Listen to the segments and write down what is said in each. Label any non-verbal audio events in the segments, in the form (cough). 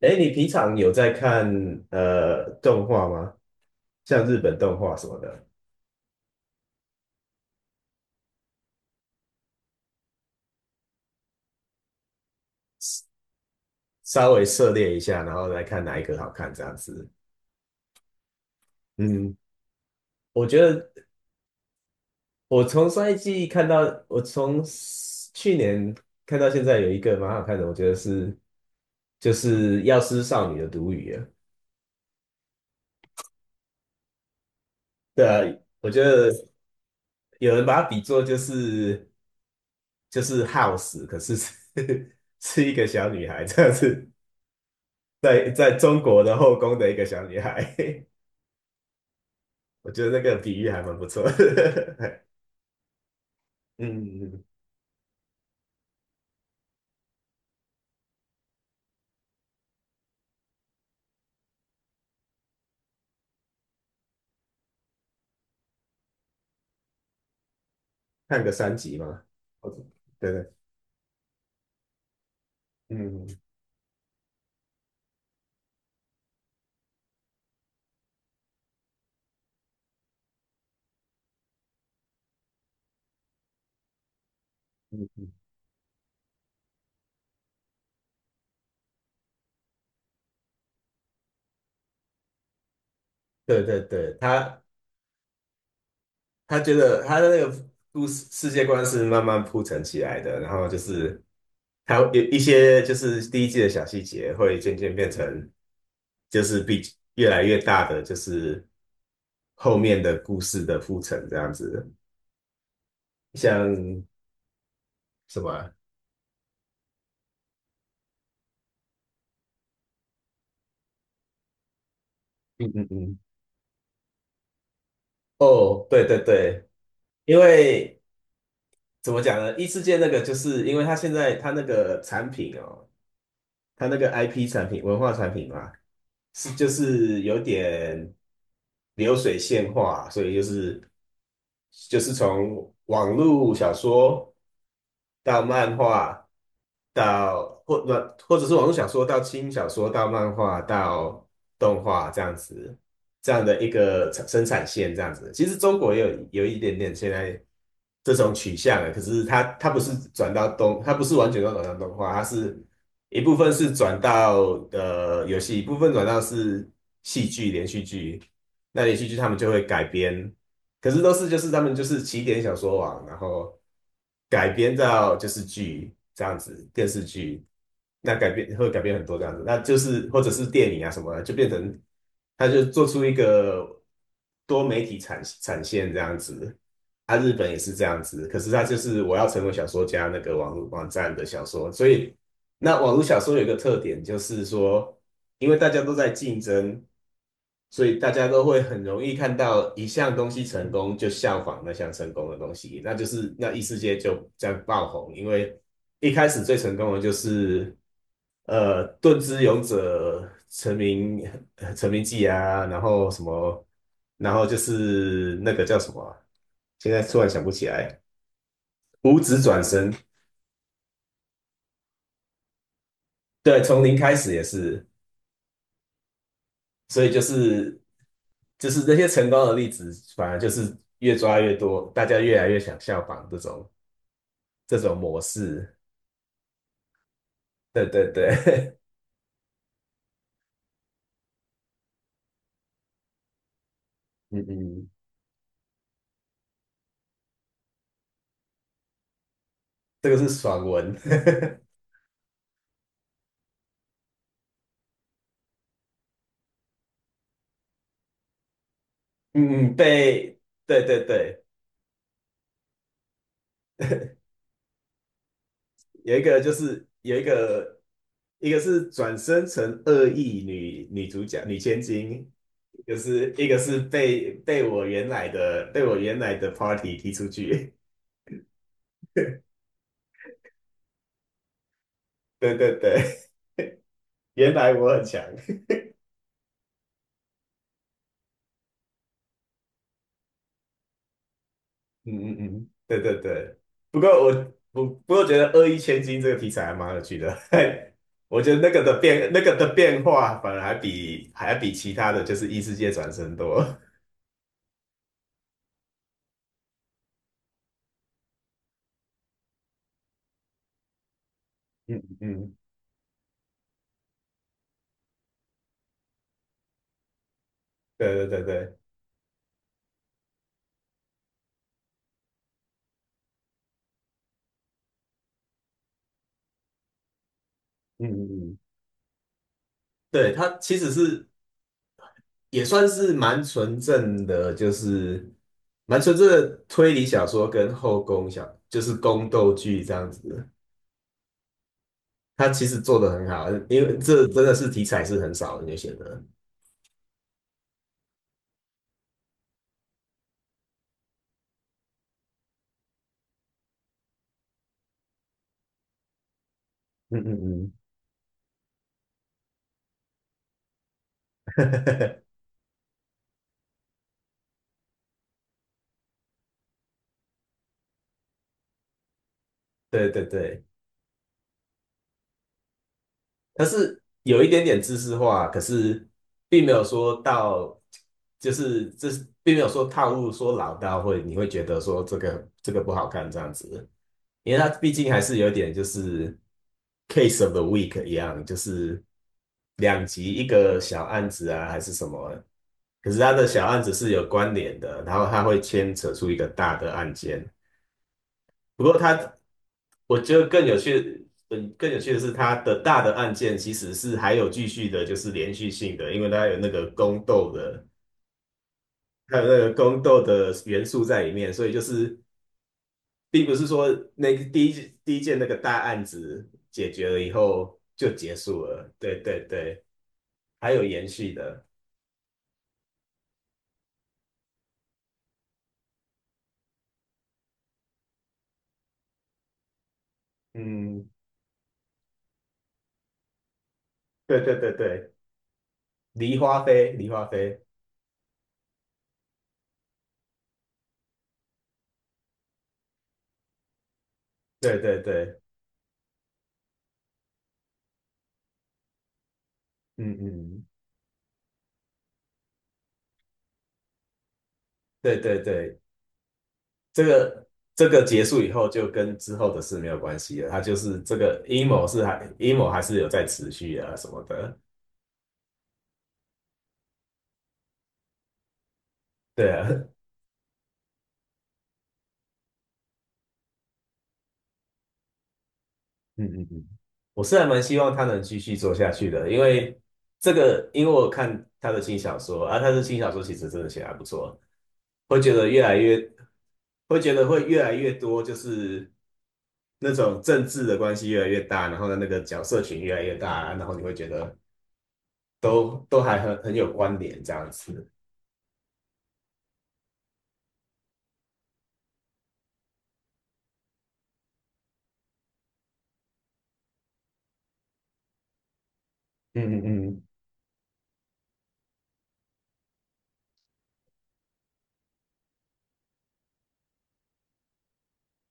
哎，你平常有在看动画吗？像日本动画什么的，稍微涉猎一下，然后来看哪一个好看这样子。嗯，我觉得我从上一季看到，我从去年看到现在有一个蛮好看的，我觉得是就是《药师少女的毒语》啊。对啊，我觉得有人把它比作就是House，可是是 (laughs) 是一个小女孩这样子，在中国的后宫的一个小女孩。(laughs) 我觉得那个比喻还蛮不错的。(laughs) 嗯，嗯看个三集嘛，我对对，嗯嗯，对对对，他觉得他的那个故事世界观是慢慢铺陈起来的，然后就是他有一些就是第一季的小细节会渐渐变成就是比越来越大的就是后面的故事的铺陈这样子，像什么啊嗯嗯嗯，哦，对对对，因为。怎么讲呢？异世界那个就是因为他现在他那个产品哦，他那个 IP 产品、文化产品嘛，是就是有点流水线化，所以就是从网络小说到漫画，到或者是网络小说到轻小说到漫画到动画这样子，这样的一个产生产线这样子。其实中国也有一点点现在这种取向了，可是它不是转到动，它不是完全都转到动画，它是。一部分是转到游戏，一部分转到是戏剧连续剧。那连续剧他们就会改编，可是都是就是他们就是起点小说网，然后改编到就是剧这样子，电视剧。那改编会改编很多这样子，那就是或者是电影啊什么的，就变成他就做出一个多媒体产线这样子。啊，日本也是这样子，可是他就是我要成为小说家那个网站的小说，所以。那网络小说有一个特点，就是说，因为大家都在竞争，所以大家都会很容易看到一项东西成功，就效仿那项成功的东西，那就是那异世界就这样爆红。因为一开始最成功的就是，盾之勇者成名记啊，然后什么，然后就是那个叫什么啊现在突然想不起来，五指转身，对，从零开始也是。所以就是那些成功的例子，反而就是越抓越多，大家越来越想效仿这种这种模式。对对对，(laughs) 嗯嗯，(laughs) 这个是爽文。(laughs) 嗯嗯，被对对对，有一个就是有一个一个是转生成恶意女主角女千金，就是一个是被我原来的 party 踢出去。(laughs) 对对对，原来我很强。嗯嗯嗯，对对对。不过我不不过觉得"恶意千金"这个题材还蛮有趣的，(laughs) 我觉得那个的变那个的变化反而还比还比其他的就是异世界转生多。(laughs) 嗯嗯嗯对对对对，嗯嗯嗯，对，它其实是也算是蛮纯正的，就是蛮纯正的推理小说跟后宫小就是宫斗剧这样子，它其实做的很好，因为这真的是题材是很少人就写的。嗯嗯嗯。(laughs) 对对对，它是有一点点知识化，可是并没有说到，就是这是并没有说套路说老到会你会觉得说这个这个不好看这样子，因为它毕竟还是有点就是 case of the week 一样，就是两集一个小案子啊还是什么，可是它的小案子是有关联的，然后它会牵扯出一个大的案件，不过他，我觉得更有趣，嗯，更有趣的是他的大的案件其实是还有继续的，就是连续性的，因为它有那个宫斗的，还有那个宫斗的元素在里面，所以就是并不是说那个第一件那个大案子解决了以后就结束了，对对对，还有延续的，嗯，对对对对，梨花飞，梨花飞，对对对，嗯嗯，对对对。这个这个结束以后，就跟之后的事没有关系了。他就是这个阴谋是还阴谋还是有在持续啊什么的。对啊，嗯嗯嗯，我是还蛮希望他能继续做下去的，因为这个，因为我看他的新小说啊，他的新小说其实真的写得还不错，会觉得越来越会觉得会越来越多，就是那种政治的关系越来越大，然后呢那个角色群越来越大，然后你会觉得都还很有关联这样子。嗯嗯嗯。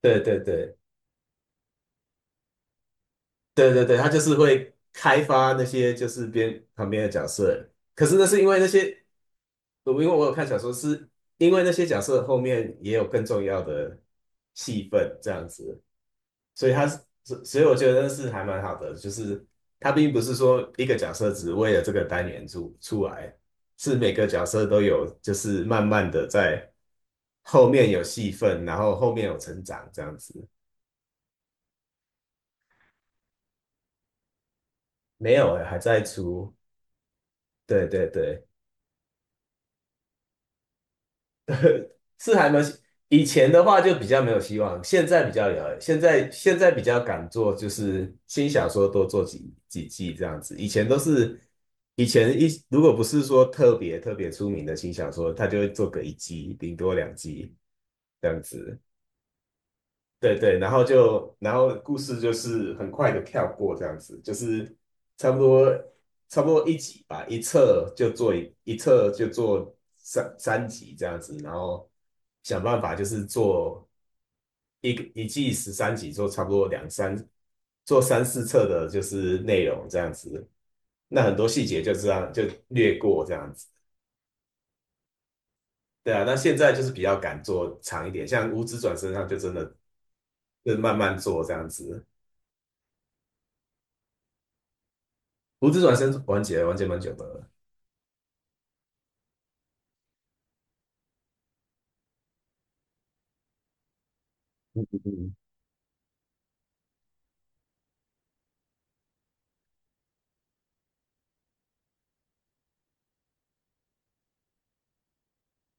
对对对对对对，他就是会开发那些就是边旁边的角色，可是那是因为那些，我因为我有看小说，是因为那些角色后面也有更重要的戏份这样子，所以他是，所所以我觉得那是还蛮好的，就是他并不是说一个角色只为了这个单元出来，是每个角色都有，就是慢慢的在后面有戏份，然后后面有成长这样子，没有欸，还在出。对对对，是还没有。以前的话就比较没有希望，现在比较有，现在现在比较敢做，就是新小说多做几季这样子。以前都是以前一如果不是说特别特别出名的新小说，他就会做个一季，顶多两季这样子。对对，然后就然后故事就是很快的跳过这样子，就是差不多差不多一集吧，一册就做一册就做三集这样子，然后想办法就是做一个一季十三集，做差不多两三做三四册的就是内容这样子，那很多细节就这样就略过这样子，对啊，那现在就是比较敢做长一点，像《五职转身》上就真的就慢慢做这样子。胡子转身完结蛮久的了。嗯，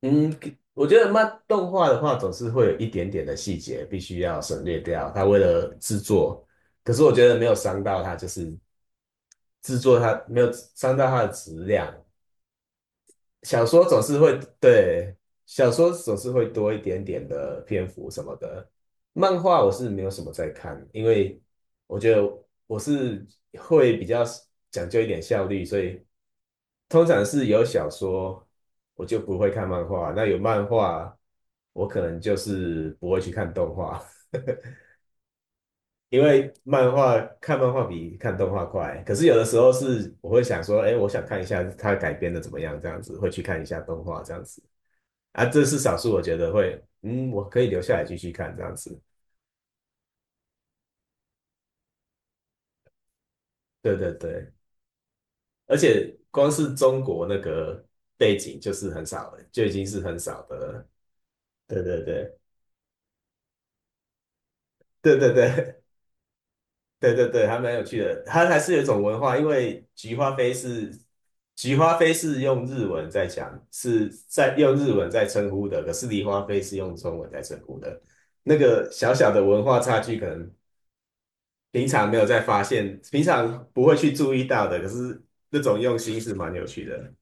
嗯，我觉得漫动画的话，总是会有一点点的细节必须要省略掉。他为了制作，可是我觉得没有伤到他，就是制作他没有伤到他的质量。小说总是会，对，小说总是会多一点点的篇幅什么的。漫画我是没有什么在看，因为我觉得我是会比较讲究一点效率，所以通常是有小说我就不会看漫画，那有漫画我可能就是不会去看动画，因为漫画看漫画比看动画快。可是有的时候是我会想说，哎，我想看一下它改编的怎么样，这样子会去看一下动画这样子。啊，这是少数我觉得会，嗯，我可以留下来继续看这样子。对对对，而且光是中国那个背景就是很少了，就已经是很少的了。对对对对对对对对对，还蛮有趣的。它还是有一种文化，因为菊花飞是用日文在讲，是在用日文在称呼的，可是梨花飞是用中文在称呼的。那个小小的文化差距，可能平常没有再发现，平常不会去注意到的，可是那种用心是蛮有趣的。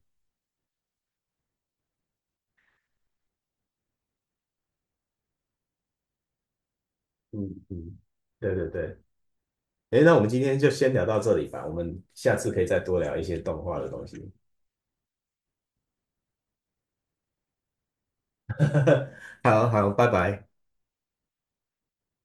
嗯嗯，对对对。诶，那我们今天就先聊到这里吧，我们下次可以再多聊一些动画的东西。(laughs) 好好，拜拜。